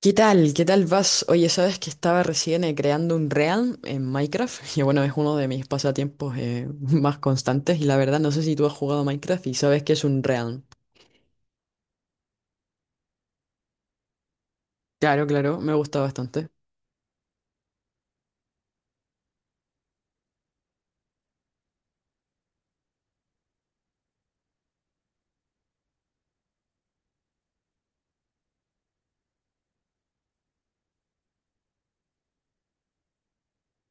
¿Qué tal? ¿Qué tal vas? Oye, sabes que estaba recién creando un Realm en Minecraft y bueno, es uno de mis pasatiempos más constantes y la verdad no sé si tú has jugado a Minecraft y sabes que es un Realm. Claro, claro, me gusta bastante.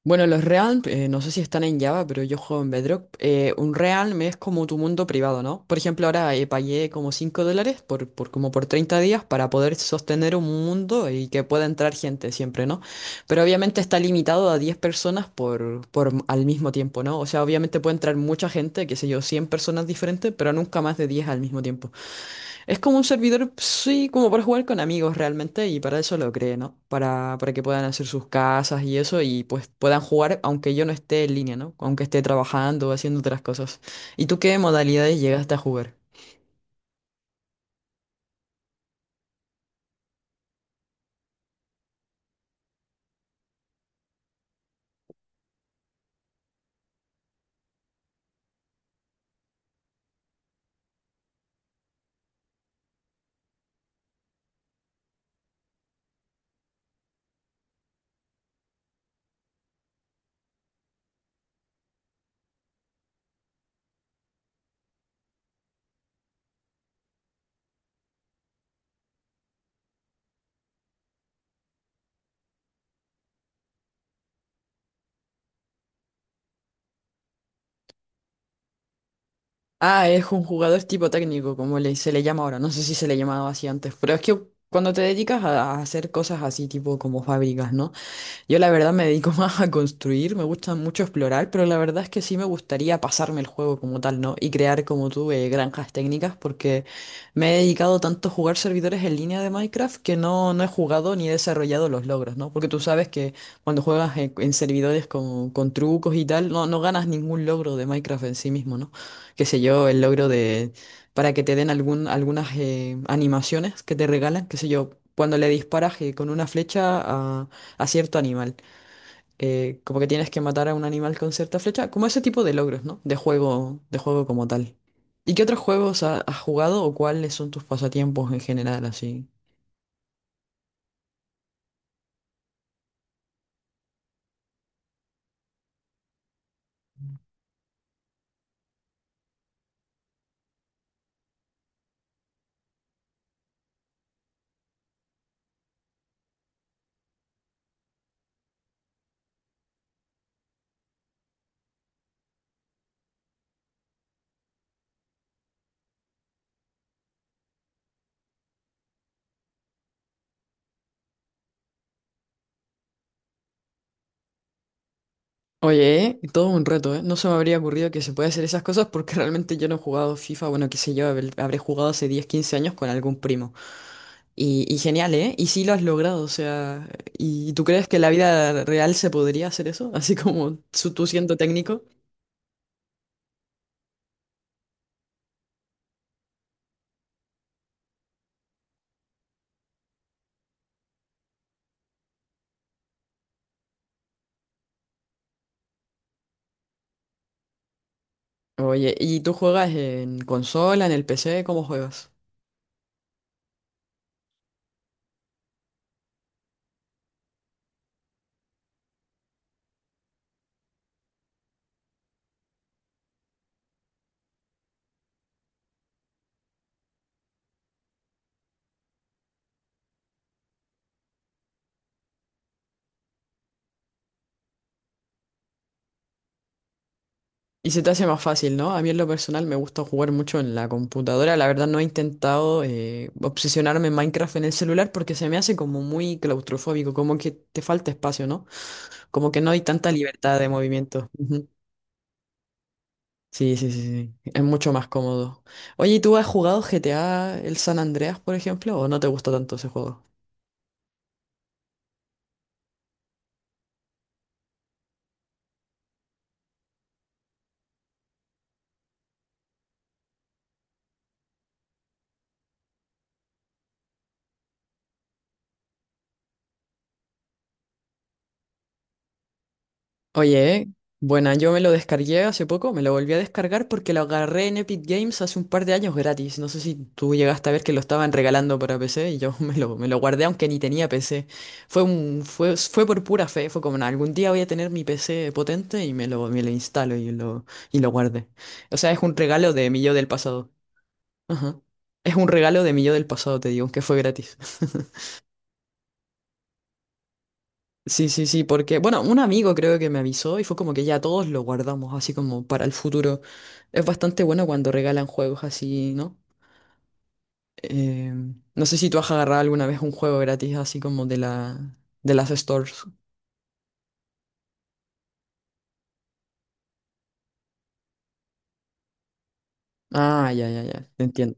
Bueno, los Realm, no sé si están en Java, pero yo juego en Bedrock. Un Realm es como tu mundo privado, ¿no? Por ejemplo, ahora pagué como $5 por como por 30 días para poder sostener un mundo y que pueda entrar gente siempre, ¿no? Pero obviamente está limitado a 10 personas por al mismo tiempo, ¿no? O sea, obviamente puede entrar mucha gente, qué sé yo, 100 personas diferentes, pero nunca más de 10 al mismo tiempo. Es como un servidor, sí, como para jugar con amigos realmente, y para eso lo creé, ¿no? Para que puedan hacer sus casas y eso, y pues puedan jugar aunque yo no esté en línea, ¿no? Aunque esté trabajando o haciendo otras cosas. ¿Y tú qué modalidades llegaste a jugar? Ah, es un jugador tipo técnico, como se le llama ahora. No sé si se le llamaba así antes, pero es que cuando te dedicas a hacer cosas así, tipo como fábricas, ¿no? Yo la verdad me dedico más a construir, me gusta mucho explorar, pero la verdad es que sí me gustaría pasarme el juego como tal, ¿no? Y crear como tú granjas técnicas, porque me he dedicado tanto a jugar servidores en línea de Minecraft que no, no he jugado ni he desarrollado los logros, ¿no? Porque tú sabes que cuando juegas en servidores con trucos y tal, no, no ganas ningún logro de Minecraft en sí mismo, ¿no? Qué sé yo, el logro de... para que te den algún, algunas animaciones que te regalan, qué sé yo. Cuando le disparas con una flecha a cierto animal. Como que tienes que matar a un animal con cierta flecha, como ese tipo de logros, ¿no? De juego como tal. ¿Y qué otros juegos has jugado o cuáles son tus pasatiempos en general, así? Oye, todo un reto, ¿eh? No se me habría ocurrido que se puede hacer esas cosas porque realmente yo no he jugado FIFA, bueno, qué sé yo, habré jugado hace 10 15 años con algún primo. Y genial, ¿eh? Y sí lo has logrado, o sea, ¿y tú crees que en la vida real se podría hacer eso? Así como tú siendo técnico. Oye, ¿y tú juegas en consola, en el PC? ¿Cómo juegas? Y se te hace más fácil, ¿no? A mí en lo personal me gusta jugar mucho en la computadora. La verdad no he intentado obsesionarme en Minecraft en el celular porque se me hace como muy claustrofóbico, como que te falta espacio, ¿no? Como que no hay tanta libertad de movimiento. Ujú. Sí, sí, sí, sí, sí. Es mucho más cómodo. Oye, ¿y tú has jugado GTA, el San Andreas, por ejemplo, o no te gusta tanto ese juego? Oye, buena, yo me lo descargué hace poco, me lo volví a descargar porque lo agarré en Epic Games hace un par de años gratis. No sé si tú llegaste a ver que lo estaban regalando para PC y yo me lo guardé aunque ni tenía PC. Fue por pura fe, fue como, "Nah, algún día voy a tener mi PC potente y me lo instalo y y lo guardé. O sea, es un regalo de mi yo del pasado. Ajá. Es un regalo de mi yo del pasado, te digo, que fue gratis. Sí, sí, sí, porque, bueno, un amigo creo que me avisó y fue como que ya todos lo guardamos así como para el futuro. Es bastante bueno cuando regalan juegos así, ¿no? Eh, no sé si tú has agarrado alguna vez un juego gratis así como de la, de las stores. Ah, ya, ya, ya, te entiendo.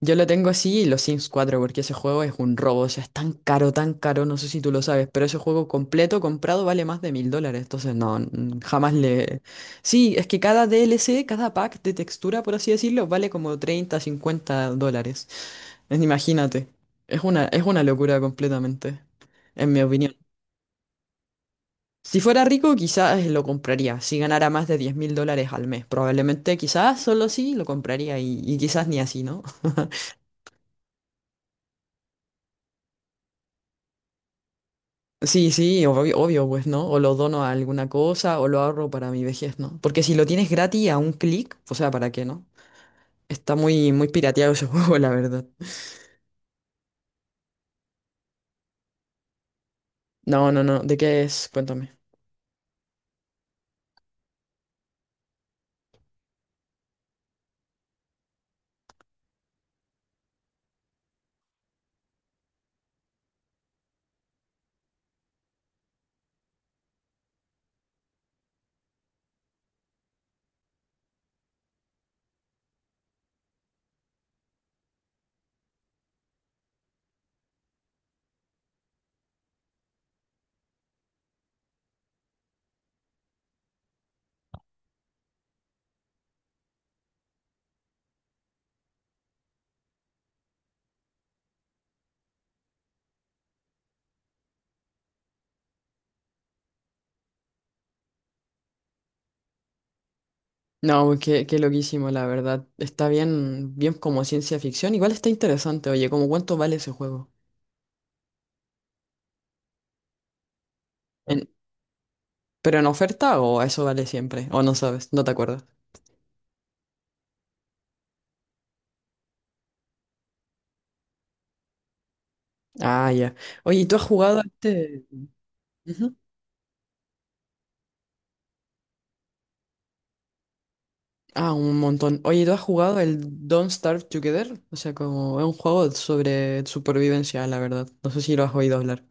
Yo lo tengo así y los Sims 4, porque ese juego es un robo, o sea, es tan caro, no sé si tú lo sabes, pero ese juego completo comprado vale más de $1,000, entonces no, jamás le... Sí, es que cada DLC, cada pack de textura, por así decirlo, vale como 30, $50. Imagínate, es una locura completamente, en mi opinión. Si fuera rico, quizás lo compraría, si ganara más de $10,000 al mes, probablemente, quizás solo sí lo compraría y quizás ni así, ¿no? Sí, sí, obvio, obvio, pues, ¿no? O lo dono a alguna cosa o lo ahorro para mi vejez, ¿no? Porque si lo tienes gratis a un clic, o sea, ¿para qué, no? Está muy, muy pirateado ese juego, la verdad. No, no, no, ¿de qué es? Cuéntame. No, qué loquísimo, la verdad. Está bien, bien como ciencia ficción. Igual está interesante, oye, ¿cómo cuánto vale ese juego? En- ¿pero en oferta o eso vale siempre? ¿O no sabes? No te acuerdas. Ah, ya. Oye, ¿y tú has jugado a este? Ujú. Ah, un montón. Oye, ¿tú has jugado el Don't Starve Together? O sea, como es un juego sobre supervivencia, la verdad. No sé si lo has oído hablar.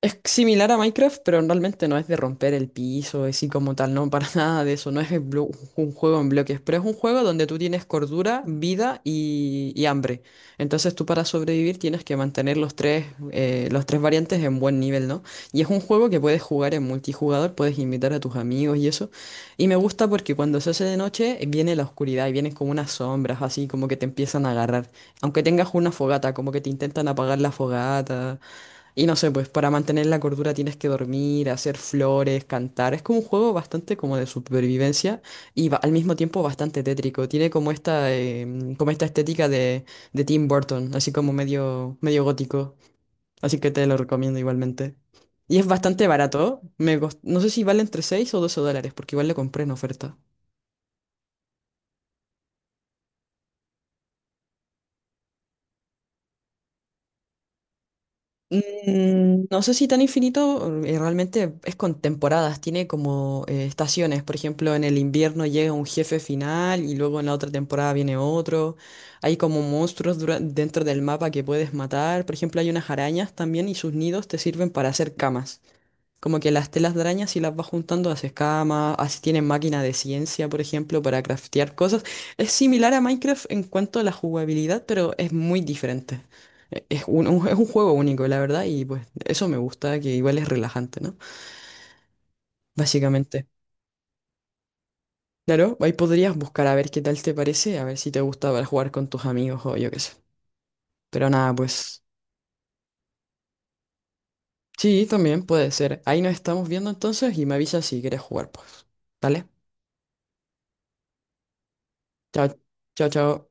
Es similar a Minecraft, pero realmente no es de romper el piso, es así como tal, no, para nada de eso, no es un juego en bloques, pero es un juego donde tú tienes cordura, vida y hambre. Entonces tú para sobrevivir tienes que mantener los tres variantes en buen nivel, ¿no? Y es un juego que puedes jugar en multijugador, puedes invitar a tus amigos y eso. Y me gusta porque cuando se hace de noche viene la oscuridad y vienen como unas sombras, así como que te empiezan a agarrar. Aunque tengas una fogata, como que te intentan apagar la fogata. Y no sé, pues para mantener la cordura tienes que dormir, hacer flores, cantar. Es como un juego bastante como de supervivencia y al mismo tiempo bastante tétrico. Tiene como esta estética de Tim Burton, así como medio, medio gótico. Así que te lo recomiendo igualmente. Y es bastante barato. No sé si vale entre 6 o 12 dólares, porque igual le compré en oferta. No sé si tan infinito, realmente es con temporadas, tiene como estaciones, por ejemplo, en el invierno llega un jefe final y luego en la otra temporada viene otro, hay como monstruos dentro del mapa que puedes matar, por ejemplo, hay unas arañas también y sus nidos te sirven para hacer camas. Como que las telas de araña si las vas juntando haces camas, así tienen máquina de ciencia, por ejemplo, para craftear cosas. Es similar a Minecraft en cuanto a la jugabilidad, pero es muy diferente. Es un juego único, la verdad, y pues eso me gusta, que igual es relajante, ¿no? Básicamente. Claro, ahí podrías buscar a ver qué tal te parece, a ver si te gusta para jugar con tus amigos o yo qué sé. Pero nada, pues sí, también puede ser. Ahí nos estamos viendo entonces y me avisas si quieres jugar, pues. ¿Vale? Chao, chao, chao.